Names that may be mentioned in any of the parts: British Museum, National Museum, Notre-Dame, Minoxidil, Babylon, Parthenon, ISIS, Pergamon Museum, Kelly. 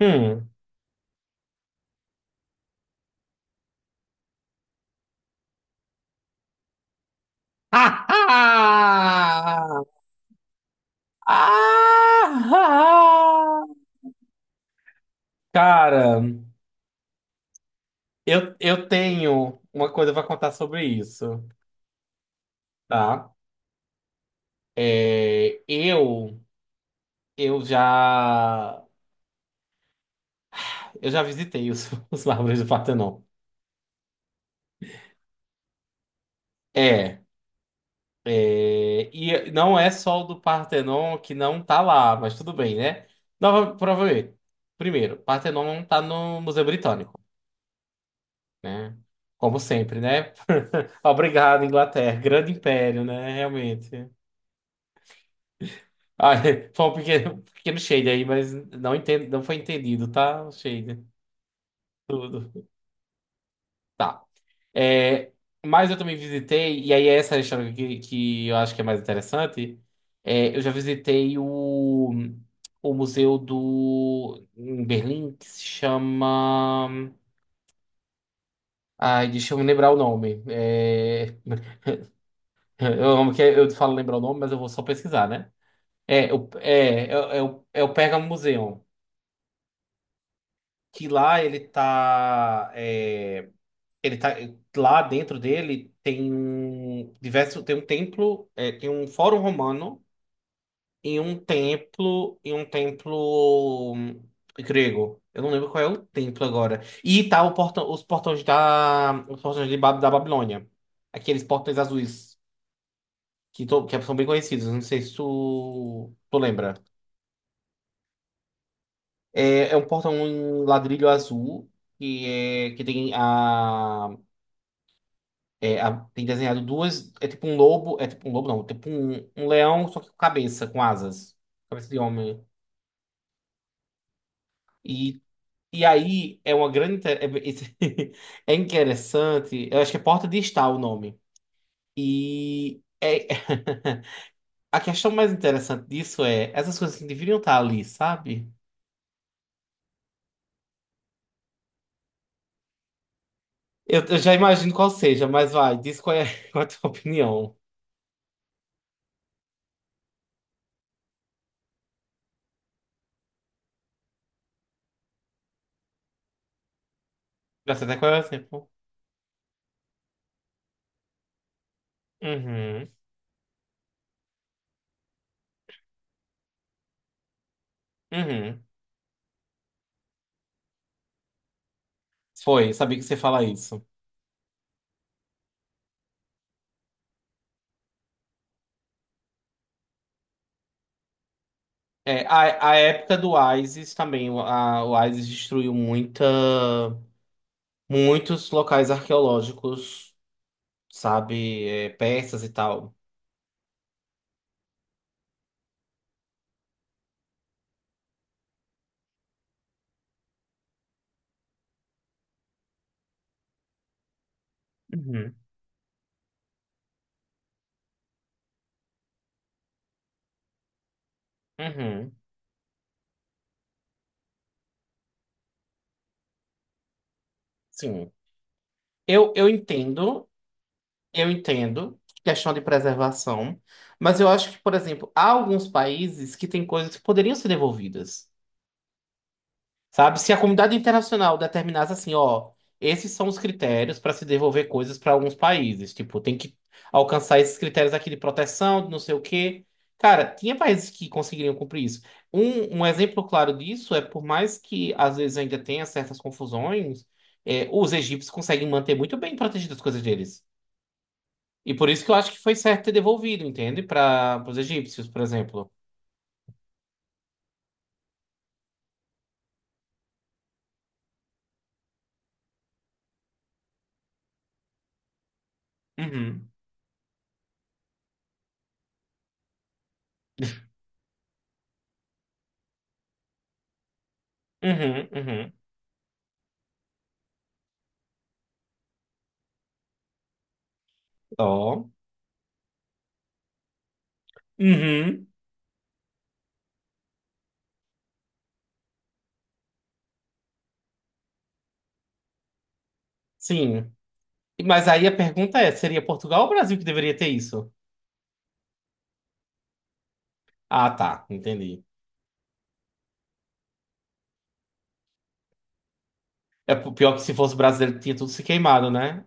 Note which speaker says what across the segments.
Speaker 1: Hum. Ah! Ah! Ah, ah. Cara, eu tenho uma coisa pra contar sobre isso, tá? É, eu eu já eu já visitei os, os mármores do Partenon. É, e não é só o do Partenon que não tá lá, mas tudo bem, né? Nova, provavelmente. Primeiro, Partenon não tá no Museu Britânico, né? Como sempre, né? Obrigado, Inglaterra. Grande império, né? Realmente. Ah, foi um pequeno, pequeno shade aí, mas não entendo, não foi entendido, tá? O shade. Tudo. Tá. É, mas eu também visitei, e aí essa é a história que eu acho que é mais interessante. Eu já visitei o museu do em Berlim que se chama. Ai, deixa eu me lembrar o nome. Eu amo que eu falo lembrar o nome, mas eu vou só pesquisar, né? É, o, é o é o Pergamon Museum. Que lá ele tá. Ele tá. Lá dentro dele tem um diverso. Tem um templo. Tem um fórum romano e um templo. E um templo grego. Eu não lembro qual é o templo agora. E tá o portão, os portões da. Os portões de, da Babilônia. Aqueles portões azuis. Que, que são bem conhecidos. Não sei se tu lembra. É um portão em ladrilho azul que tem a, tem desenhado duas é tipo um lobo é tipo um lobo não tipo um, um leão só que com cabeça com asas, cabeça de homem. E e aí é uma grande inte- é, É interessante, eu acho que é porta de estar o nome e é, a questão mais interessante disso é essas coisas que deveriam estar ali, sabe? Eu já imagino qual seja, mas vai, diz qual é, qual é a tua opinião? Já sei até qual é o exemplo. Uhum, uhum. Foi, sabia que você fala isso. É, a época do ISIS também, o ISIS destruiu muita, muitos locais arqueológicos, sabe, é, persas e tal. Uhum, uhum, sim. Eu entendo, eu entendo, questão de preservação, mas eu acho que, por exemplo, há alguns países que têm coisas que poderiam ser devolvidas. Sabe? Se a comunidade internacional determinasse assim, ó, esses são os critérios para se devolver coisas para alguns países, tipo, tem que alcançar esses critérios aqui de proteção, de não sei o quê. Cara, tinha países que conseguiriam cumprir isso. Um exemplo claro disso é, por mais que às vezes ainda tenha certas confusões, é, os egípcios conseguem manter muito bem protegidas as coisas deles. E por isso que eu acho que foi certo ter devolvido, entende? Para os egípcios, por exemplo. Uhum, uhum, uhum. Ó. Uhum. Sim. Mas aí a pergunta é, seria Portugal ou Brasil que deveria ter isso? Ah, tá, entendi. É pior que se fosse brasileiro tinha tudo se queimado, né?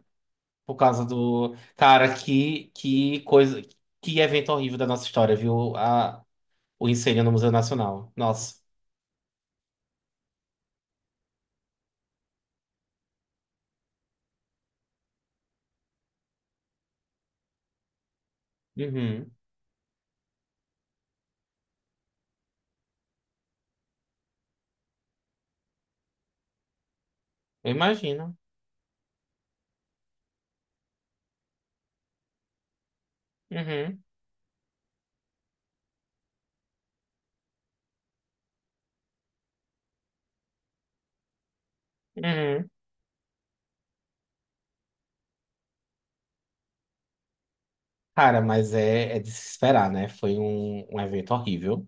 Speaker 1: Por causa do cara que evento horrível da nossa história, viu? A O incêndio no Museu Nacional. Nossa. Uhum. Eu imagino. Uhum. Uhum. Cara, mas é, é de se esperar, né? Foi um evento horrível.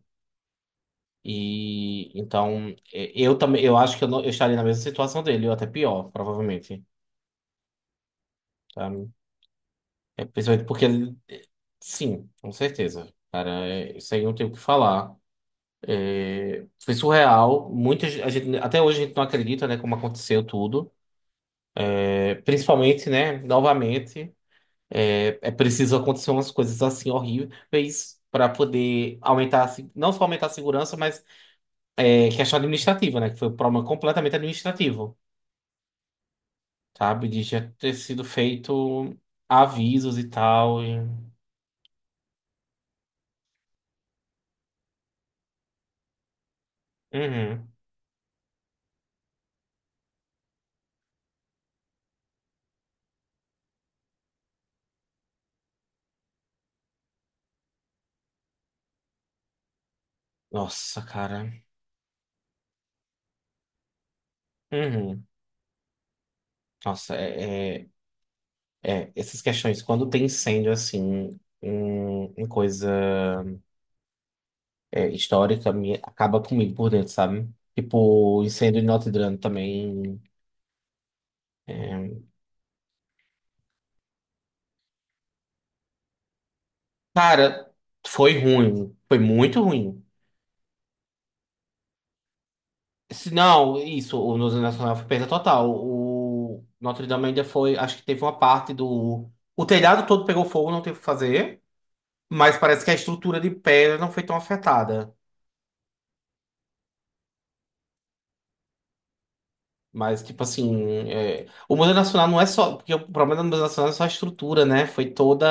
Speaker 1: E então, eu também, eu acho que eu, não, eu estaria na mesma situação dele, ou até pior, provavelmente. Tá? É, principalmente porque ele. Sim, com certeza. Cara, é, isso aí não tem o que falar. Foi surreal. Muitas a gente, até hoje a gente não acredita, né, como aconteceu tudo. É, principalmente, né, novamente, é, é preciso acontecer umas coisas assim horríveis para poder aumentar, a se- não só aumentar a segurança, mas é, questão administrativa, né, que foi um problema completamente administrativo, sabe? De já ter sido feito avisos e tal. Uhum. Nossa, cara. Uhum. Nossa, é, essas questões, quando tem incêndio, assim, em, em coisa é, histórica, me, acaba comigo por dentro, sabe? Tipo, incêndio em Notre Dame também. é. Cara, foi ruim. Foi muito ruim. Se não, isso, o Museu Nacional foi perda total. O Notre Dame ainda foi, acho que teve uma parte do... O telhado todo pegou fogo, não teve o que fazer. Mas parece que a estrutura de pedra não foi tão afetada. Mas, tipo assim, é, o Museu Nacional não é só. Porque o problema do Museu Nacional é só a estrutura, né? Foi toda.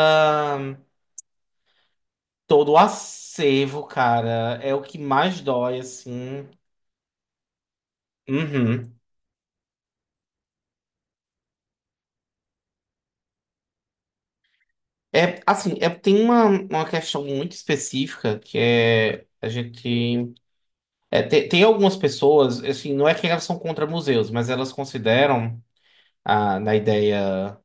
Speaker 1: Todo o acervo, cara. É o que mais dói, assim. Uhum. É, assim, é, tem uma questão muito específica que é. A gente. É, tem, tem algumas pessoas, assim, não é que elas são contra museus, mas elas consideram, ah, na ideia.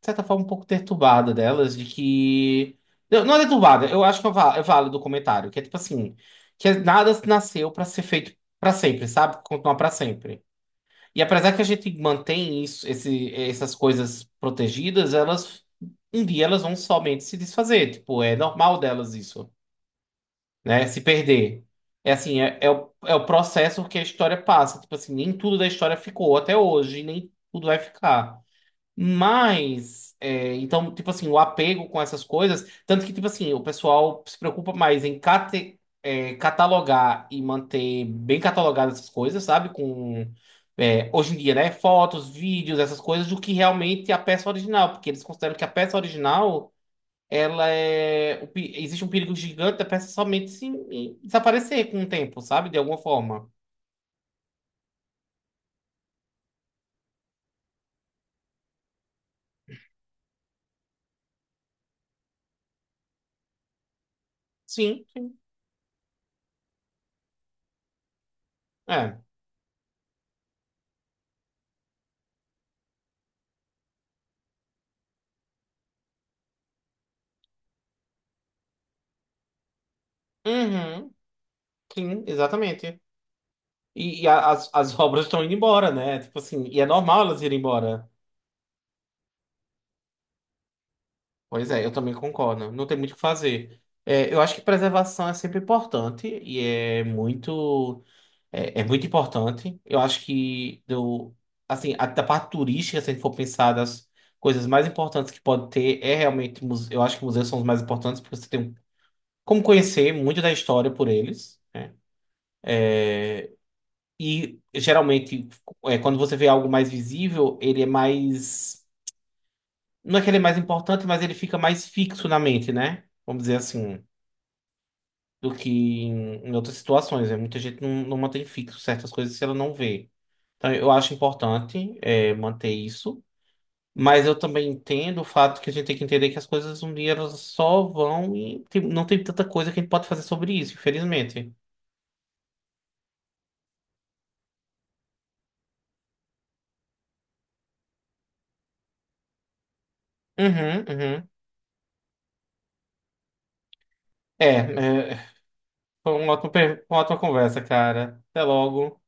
Speaker 1: Certa forma, um pouco perturbada delas, de que. Não, não é perturbada, eu acho que é é válido o comentário, que é tipo assim, que é, nada nasceu pra ser feito pra sempre, sabe? Continuar pra sempre. E apesar que a gente mantém isso, esse, essas coisas protegidas, elas um dia elas vão somente se desfazer. Tipo, é normal delas isso, né? Se perder. É assim, é o processo que a história passa. Tipo assim, nem tudo da história ficou até hoje, nem tudo vai ficar. Mas, é, então, tipo assim, o apego com essas coisas, tanto que, tipo assim, o pessoal se preocupa mais em é, catalogar e manter bem catalogadas essas coisas, sabe? Com, é, hoje em dia, né? Fotos, vídeos, essas coisas, do que realmente a peça original, porque eles consideram que a peça original, ela é. Existe um perigo gigante da peça somente se em- desaparecer com o tempo, sabe? De alguma forma. Sim, sim. É. Uhum. Sim, exatamente. As, as obras estão indo embora, né? Tipo assim, e é normal elas irem embora. Pois é, eu também concordo. Não tem muito o que fazer. É, eu acho que preservação é sempre importante e é muito, é muito importante. Eu acho que do, assim, a, da parte turística, se a gente for pensar das coisas mais importantes que pode ter, é realmente, eu acho que museus são os mais importantes porque você tem como conhecer muito da história por eles, né? E geralmente, é, quando você vê algo mais visível, ele é mais. Não é que ele é mais importante, mas ele fica mais fixo na mente, né? Vamos dizer assim, do que em, em outras situações. Né? Muita gente não, não mantém fixo certas coisas se ela não vê. Então, eu acho importante é, manter isso, mas eu também entendo o fato que a gente tem que entender que as coisas um dia elas só vão e não tem tanta coisa que a gente pode fazer sobre isso, infelizmente. Uhum, uhum. É, é, foi uma ótima, uma ótima conversa, cara. Até logo.